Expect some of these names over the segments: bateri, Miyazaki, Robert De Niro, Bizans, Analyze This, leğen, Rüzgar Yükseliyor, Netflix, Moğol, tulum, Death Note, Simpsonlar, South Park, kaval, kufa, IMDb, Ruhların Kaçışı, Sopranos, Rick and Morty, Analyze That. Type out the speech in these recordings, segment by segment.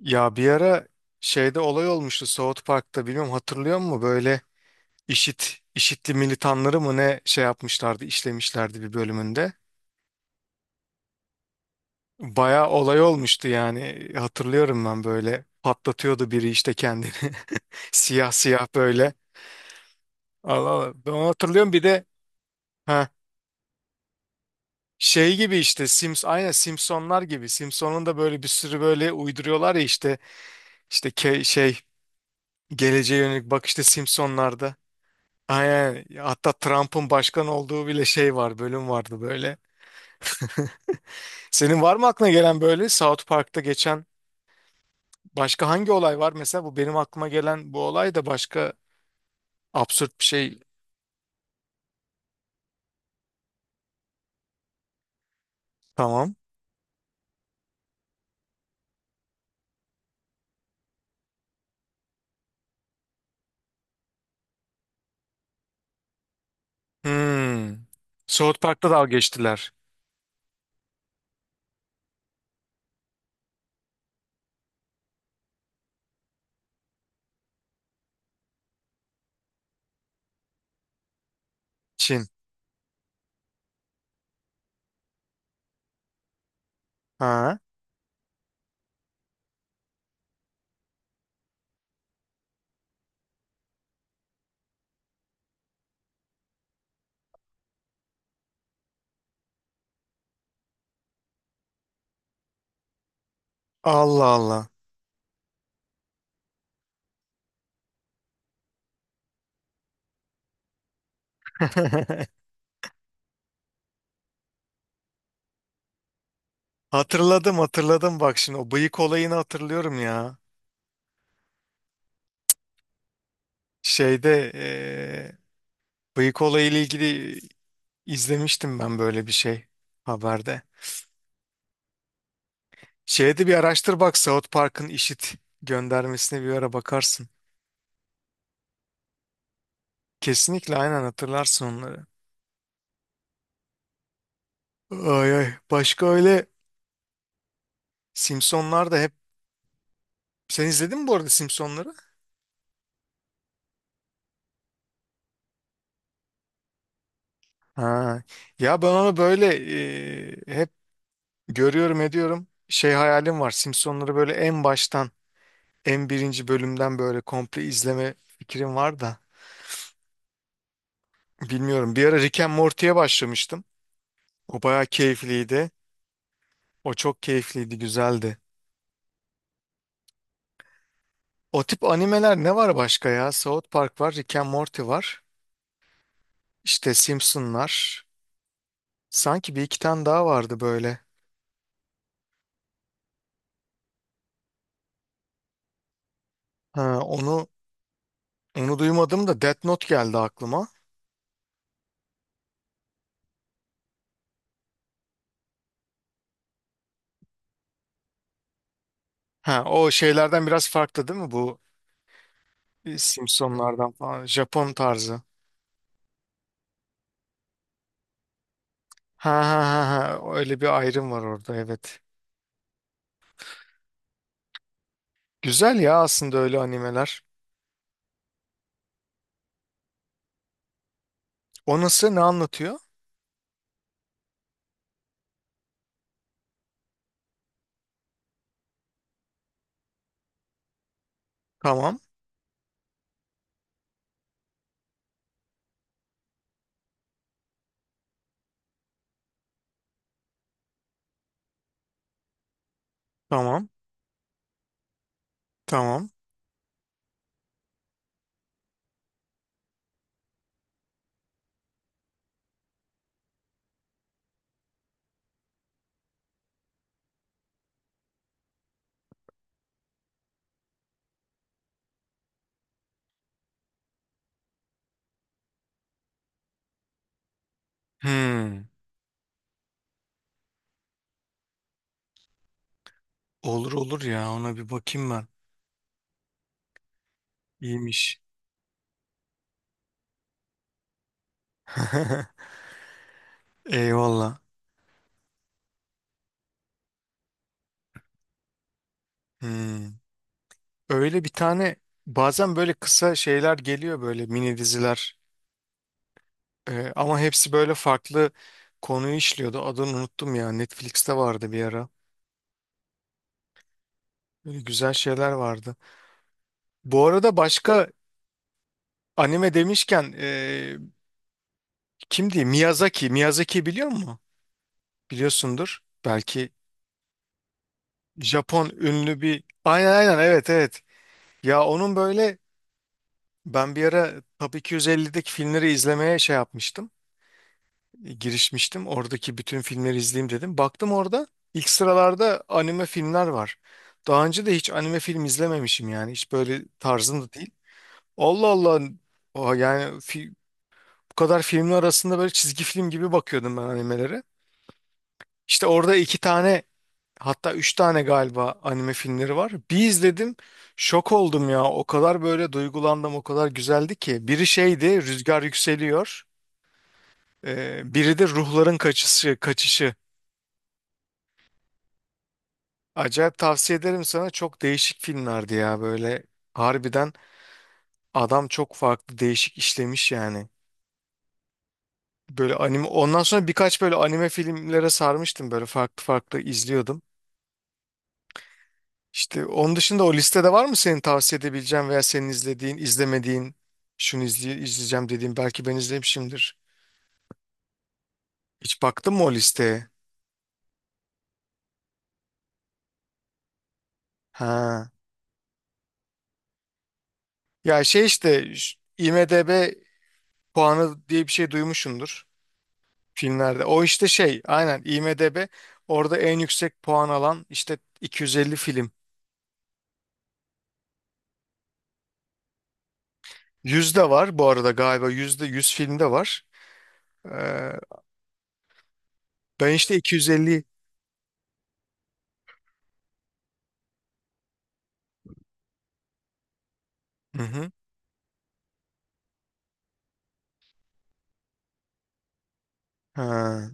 Ya bir ara şeyde olay olmuştu South Park'ta, bilmiyorum hatırlıyor musun? Böyle IŞİD'li militanları mı ne şey yapmışlardı, işlemişlerdi bir bölümünde. Bayağı olay olmuştu yani, hatırlıyorum ben, böyle patlatıyordu biri işte kendini, siyah siyah böyle. Allah Allah ben onu hatırlıyorum, bir de ha şey gibi işte Sims, aynen Simpsonlar gibi, Simpson'un da böyle bir sürü böyle uyduruyorlar ya işte, işte ke- şey geleceğe yönelik bak işte Simpsonlarda. Aynen. Hatta Trump'ın başkan olduğu bile şey var, bölüm vardı böyle. Senin var mı aklına gelen böyle South Park'ta geçen başka hangi olay var? Mesela bu benim aklıma gelen bu olay da başka absürt bir şey. Tamam. Hmm. South Park'ta dalga geçtiler. Çin. Ha. Allah Allah. Hatırladım hatırladım, bak şimdi o bıyık olayını hatırlıyorum ya. Şeyde bıyık olayıyla ilgili izlemiştim ben böyle bir şey haberde. Şeyde bir araştır, bak South Park'ın göndermesine bir ara bakarsın. Kesinlikle, aynen hatırlarsın onları. Ay ay, başka öyle Simpsonlar da hep, sen izledin mi bu arada Simpsonları? Ha. Ya ben onu böyle, hep görüyorum ediyorum. Şey, hayalim var Simpsonları böyle en baştan, en birinci bölümden böyle komple izleme fikrim var da. Bilmiyorum, bir ara Rick and Morty'ye başlamıştım. O bayağı keyifliydi. O çok keyifliydi, güzeldi. O tip animeler ne var başka ya? South Park var, Rick and Morty var. İşte Simpsonlar. Sanki bir iki tane daha vardı böyle. Ha, onu duymadım da Death Note geldi aklıma. Ha, o şeylerden biraz farklı değil mi bu, Simpsonlardan falan, Japon tarzı. Ha, ha, ha, ha. Öyle bir ayrım var orada, evet. Güzel ya aslında öyle animeler. O nasıl, ne anlatıyor? Tamam tamam tamam. Hmm. Olur olur ya, ona bir bakayım ben. İyiymiş. Eyvallah. Hmm. Öyle bir tane, bazen böyle kısa şeyler geliyor, böyle mini diziler. Ama hepsi böyle farklı konuyu işliyordu. Adını unuttum ya, Netflix'te vardı bir ara. Böyle güzel şeyler vardı. Bu arada başka anime demişken kim diyeyim, Miyazaki. Miyazaki biliyor musun? Biliyorsundur. Belki Japon ünlü bir, aynen aynen, evet evet. Ya onun böyle, ben bir ara Top 250'deki filmleri izlemeye şey yapmıştım, girişmiştim. Oradaki bütün filmleri izleyeyim dedim. Baktım orada ilk sıralarda anime filmler var. Daha önce de hiç anime film izlememişim yani. Hiç böyle tarzım da değil. Allah Allah. Oha yani bu kadar filmin arasında böyle çizgi film gibi bakıyordum ben animelere. İşte orada iki tane, hatta üç tane galiba anime filmleri var. Bir izledim, şok oldum ya. O kadar böyle duygulandım, o kadar güzeldi ki. Biri şeydi, Rüzgar Yükseliyor. Biri de Ruhların Kaçışı, Kaçışı. Acayip tavsiye ederim sana. Çok değişik filmlerdi ya böyle. Harbiden adam çok farklı, değişik işlemiş yani. Böyle anime, ondan sonra birkaç böyle anime filmlere sarmıştım, böyle farklı farklı izliyordum. İşte onun dışında o listede var mı senin tavsiye edebileceğin veya senin izlediğin, izlemediğin, şunu izleyeceğim dediğin, belki ben izlemişimdir. Hiç baktın mı o listeye? Ha. Ya şey işte, IMDb puanı diye bir şey duymuşsundur. Filmlerde. O işte şey, aynen IMDb, orada en yüksek puan alan işte 250 film. Yüzde var bu arada galiba, yüzde 100 filmde var. Ee, Ben işte 250. Hı hı. Ha.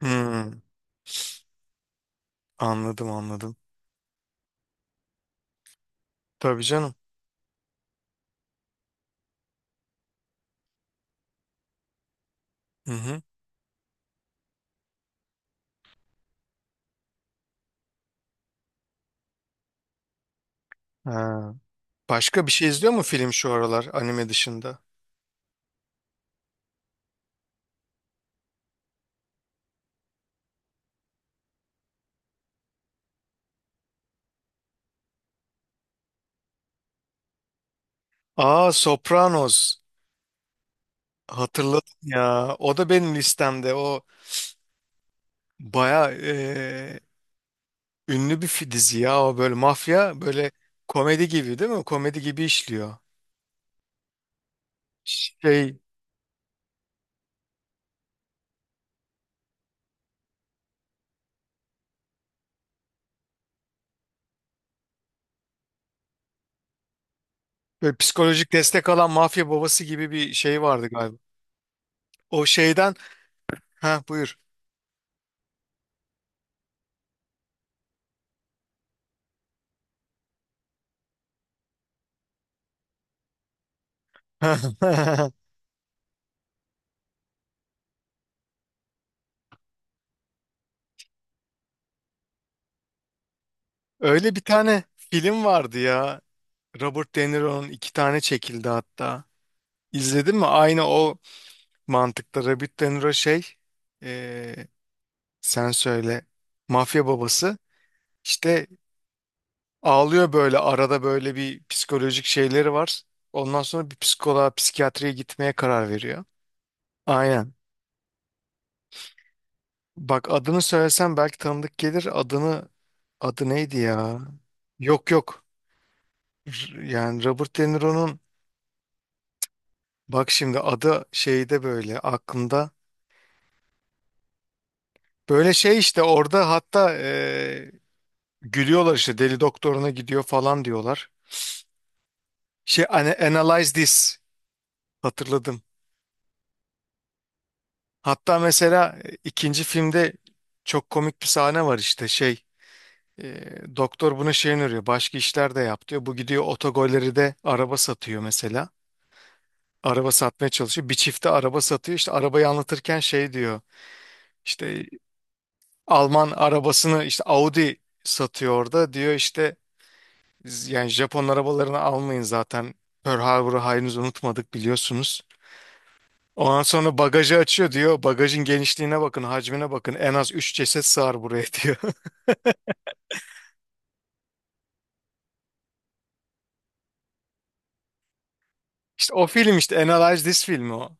Hmm. Anladım anladım. Tabii canım. Hı hı. Ha. Başka bir şey izliyor mu film şu aralar anime dışında? Aa Sopranos. Hatırladım ya. O da benim listemde. O baya ünlü bir dizi ya, o böyle mafya, böyle komedi gibi değil mi? Komedi gibi işliyor. Şey, böyle psikolojik destek alan mafya babası gibi bir şey vardı galiba. O şeyden, ha buyur. Öyle bir tane film vardı ya. Robert De Niro'nun, iki tane çekildi hatta. İzledin mi? Aynı o mantıkta, Robert De Niro şey, eee, sen söyle, mafya babası. İşte ağlıyor böyle arada, böyle bir psikolojik şeyleri var. Ondan sonra bir psikoloğa, psikiyatriye gitmeye karar veriyor. Aynen. Bak adını söylesem belki tanıdık gelir. Adı neydi ya? Yok yok. Yani Robert De Niro'nun, bak şimdi adı şeyde böyle aklımda. Böyle şey işte orada hatta gülüyorlar işte, deli doktoruna gidiyor falan diyorlar. Şey hani Analyze This, hatırladım. Hatta mesela ikinci filmde çok komik bir sahne var, işte şey, doktor buna şey öneriyor, başka işler de yap diyor. Bu gidiyor, otogolleri de araba satıyor mesela. Araba satmaya çalışıyor. Bir çifte araba satıyor. İşte arabayı anlatırken şey diyor. İşte Alman arabasını, işte Audi satıyor orada, diyor işte, Yani Japon arabalarını almayın zaten. Pearl Harbor'u henüz unutmadık, biliyorsunuz." Ondan sonra bagajı açıyor, diyor. Bagajın genişliğine bakın, hacmine bakın. En az 3 ceset sığar buraya, diyor. İşte o film, işte Analyze This filmi o.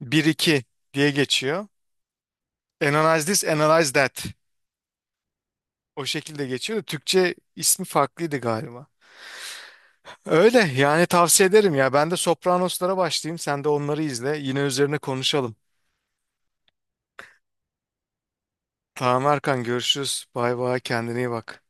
Bir iki diye geçiyor. Analyze This, Analyze That. O şekilde geçiyor. Da Türkçe ismi farklıydı galiba. Öyle yani, tavsiye ederim ya. Ben de Sopranos'lara başlayayım. Sen de onları izle. Yine üzerine konuşalım. Tamam Erkan, görüşürüz. Bay bay, kendine iyi bak.